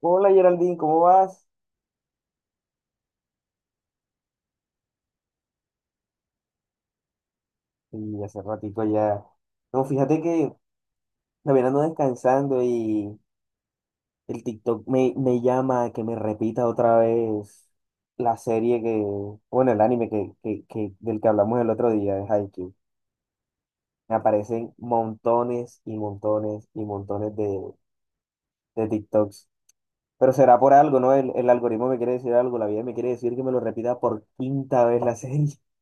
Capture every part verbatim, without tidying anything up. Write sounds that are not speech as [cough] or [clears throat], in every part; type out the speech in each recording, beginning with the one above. Hola Geraldine, ¿cómo vas? Y hace ratito ya. No, fíjate que también ando descansando y el TikTok me, me llama a que me repita otra vez la serie que, bueno, el anime que, que, que- del que hablamos el otro día, de Haikyuu. Me aparecen montones y montones y montones de, de TikToks. Pero será por algo, ¿no? El, el algoritmo me quiere decir algo, la vida me quiere decir que me lo repita por quinta vez la serie. [laughs]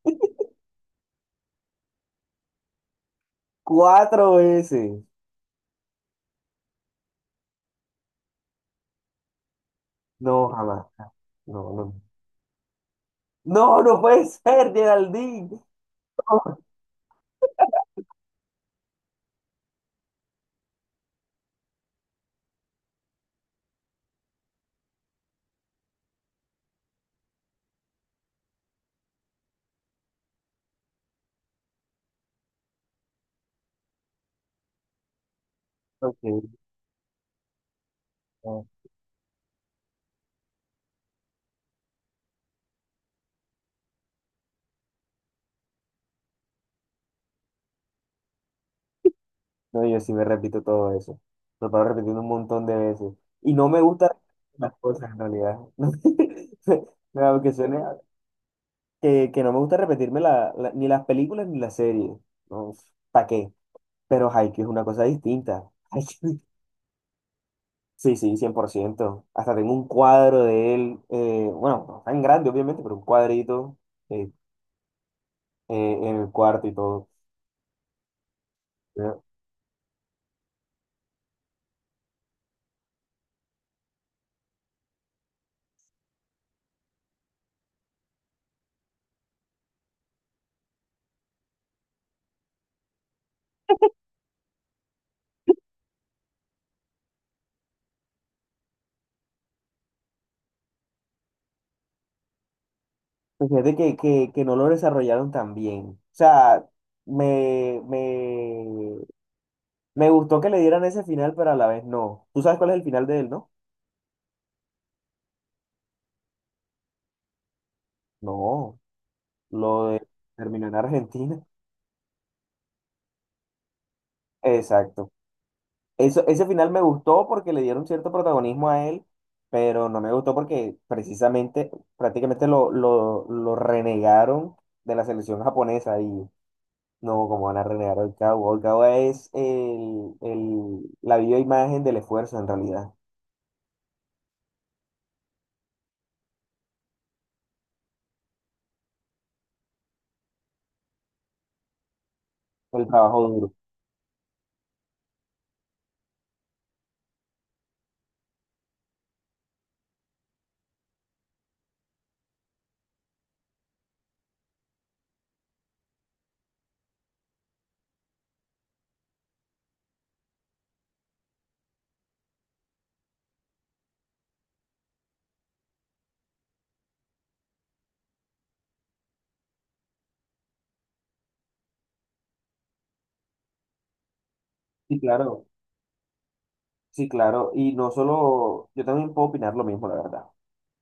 Cuatro veces. No, jamás. No, no. No, no puede ser, Geraldine. [laughs] Ok, no, no, yo sí me repito todo eso. Lo paro repitiendo un montón de veces. Y no me gusta las cosas en realidad. [laughs] No, Aunque suene que, que no me gusta repetirme la, la- ni las películas ni las series. No, ¿para qué? Pero Haikyuu es una cosa distinta. [laughs] Sí, Sí, cien por ciento. Hasta tengo un cuadro de él. eh, bueno, no tan grande, obviamente, pero un cuadrito eh, eh, en el cuarto y todo. pues, Fíjate que, que, que no lo desarrollaron tan bien. O sea, me, me, me gustó que le dieran ese final, pero a la vez no. ¿Tú sabes cuál es el final de él, no? No, lo de- terminó en Argentina. [laughs] Exacto. Eso, ese final me gustó porque le dieron cierto protagonismo a él, pero no me gustó porque precisamente, prácticamente lo, lo, lo renegaron de la selección japonesa. Y no, como van a renegar al cabo? El cabo es el, el, la viva imagen del esfuerzo, en realidad. El trabajo duro. Sí, claro. Sí, claro. Y no solo, yo también puedo opinar lo mismo, la verdad.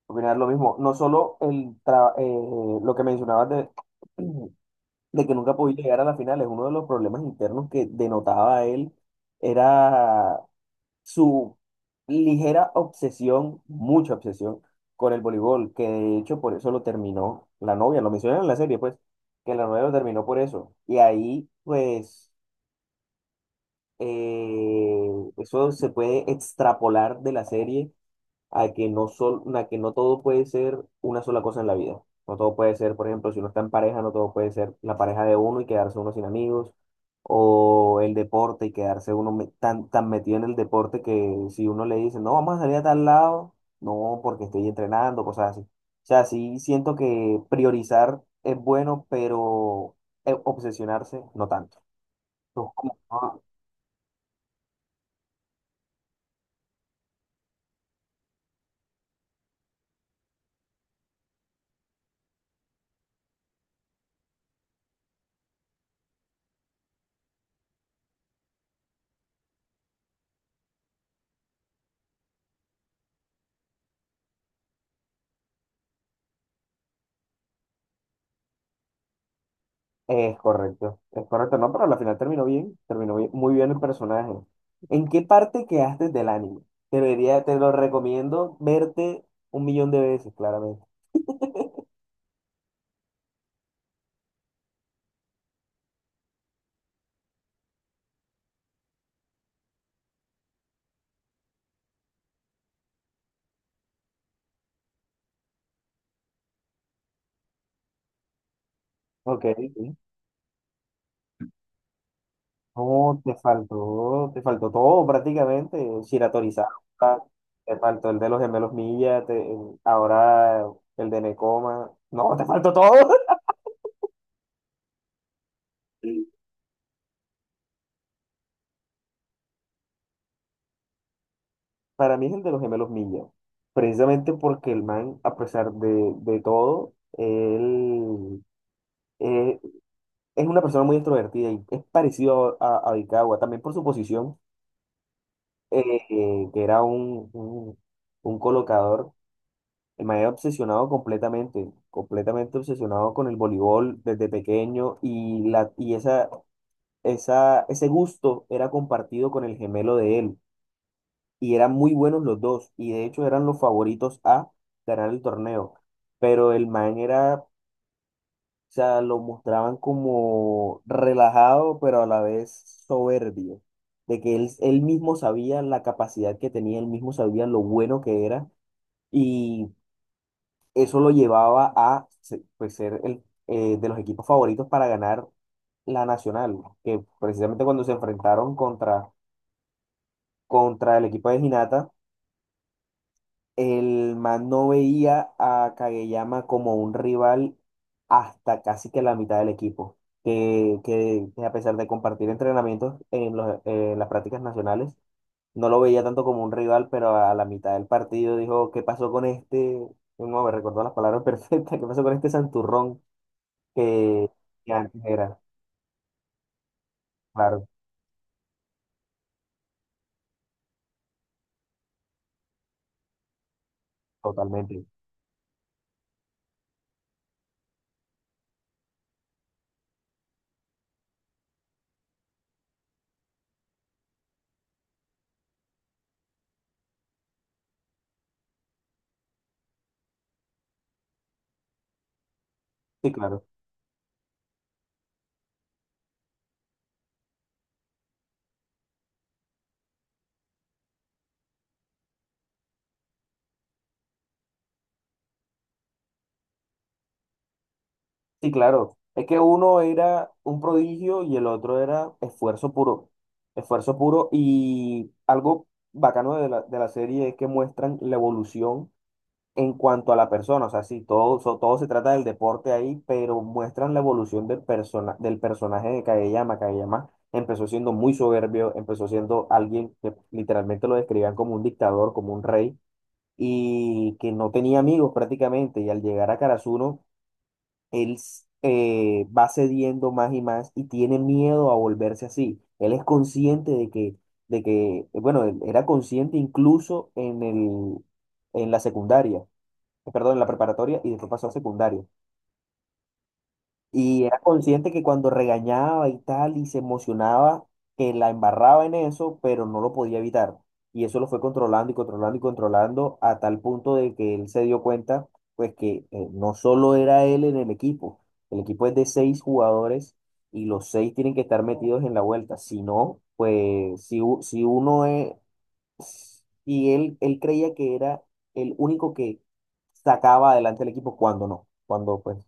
Opinar lo mismo. No solo el tra- eh, lo que mencionabas de, [clears throat] de que nunca podía llegar a la final, es uno de los problemas internos que denotaba él. Era su ligera obsesión, mucha obsesión con el voleibol, que de hecho por eso lo terminó la novia, lo mencionan en la serie, pues, que la novia lo terminó por eso. Y ahí, pues, eh, eso se puede extrapolar de la serie a que no sol, a que no todo puede ser una sola cosa en la vida. No todo puede ser, por ejemplo, si uno está en pareja, no todo puede ser la pareja de uno y quedarse uno sin amigos, o el deporte y quedarse uno me- tan, tan metido en el deporte que si uno le dice, no, vamos a salir a tal lado, no, porque estoy entrenando, cosas así. O sea, sí siento que priorizar es bueno, pero eh, obsesionarse no tanto. Es correcto, es correcto, no, pero al final terminó bien, terminó bien- muy bien el personaje. ¿En qué parte quedaste del anime? Te lo diría- te lo recomiendo verte un millón de veces, claramente. Ok, sí. No, te faltó, te faltó todo prácticamente. Shiratorizawa, te faltó el de los gemelos Milla, te- ahora el de Nekoma, no, te faltó todo. [laughs] Para mí es el de los gemelos Milla, precisamente porque el man, a pesar de, de todo, él eh, es una persona muy extrovertida y es parecido a, a Vicagua, también por su posición, eh, eh, que era un, un, un colocador. El man era obsesionado completamente, completamente obsesionado con el voleibol desde pequeño y, la, y esa, esa, ese gusto era compartido con el gemelo de él y eran muy buenos los dos y de hecho eran los favoritos a ganar el torneo, pero el man era... O sea, lo mostraban como relajado, pero a la vez soberbio, de que él, él mismo sabía la capacidad que tenía, él mismo sabía lo bueno que era, y eso lo llevaba a se- pues, ser el, eh, de los equipos favoritos para ganar la Nacional, que precisamente cuando se enfrentaron contra, contra el equipo de Ginata. El man no veía a Kageyama como un rival hasta casi que la mitad del equipo, que, que- que a pesar de compartir entrenamientos en, los- en las prácticas nacionales, no lo veía tanto como un rival, pero a la mitad del partido dijo, ¿qué pasó con este? No, me recordó las palabras [laughs] perfectas, ¿qué pasó con este santurrón que, que antes era? Claro, totalmente. Sí, claro. Sí, claro. Es que uno era un prodigio y el otro era esfuerzo puro. Esfuerzo puro y algo bacano de la, de la serie es que muestran la evolución en cuanto a la persona. O sea, sí, todo, so- todo se trata del deporte ahí, pero muestran la evolución del, persona, del personaje de Kageyama. Kageyama empezó siendo muy soberbio, empezó siendo alguien que literalmente lo describían como un dictador, como un rey, y que no tenía amigos prácticamente. Y al llegar a Karasuno él s- eh, va cediendo más y más y tiene miedo a volverse así. Él es consciente de que, de que, eh, bueno, él era consciente incluso en el, en la secundaria, eh, perdón, en la preparatoria y después pasó a secundaria. Y era consciente que cuando regañaba y tal, y se emocionaba, que la embarraba en eso, pero no lo podía evitar. Y eso lo fue controlando y controlando y controlando a tal punto de que él se dio cuenta, pues que eh, no solo era él en el equipo, el equipo es de seis jugadores y los seis tienen que estar metidos en la vuelta. Si no, pues si, u- si uno es, y él, él creía que era el único que sacaba adelante el equipo cuando no, cuando pues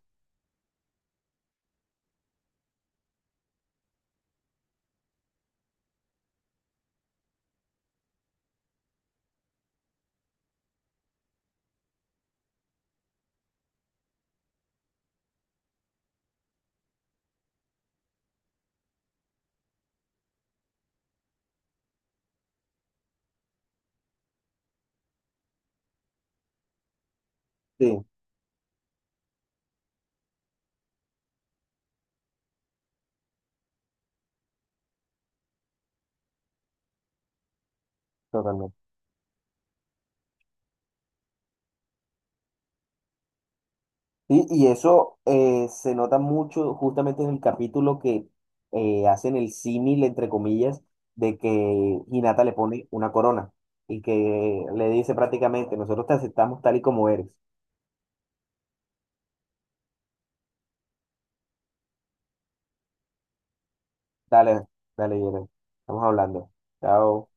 sí, totalmente. Y, y eso eh, se nota mucho justamente en el capítulo que eh, hacen el símil, entre comillas, de que Hinata le pone una corona y que le dice prácticamente, nosotros te aceptamos tal y como eres. Dale, dale, Yeren, estamos hablando. Chao.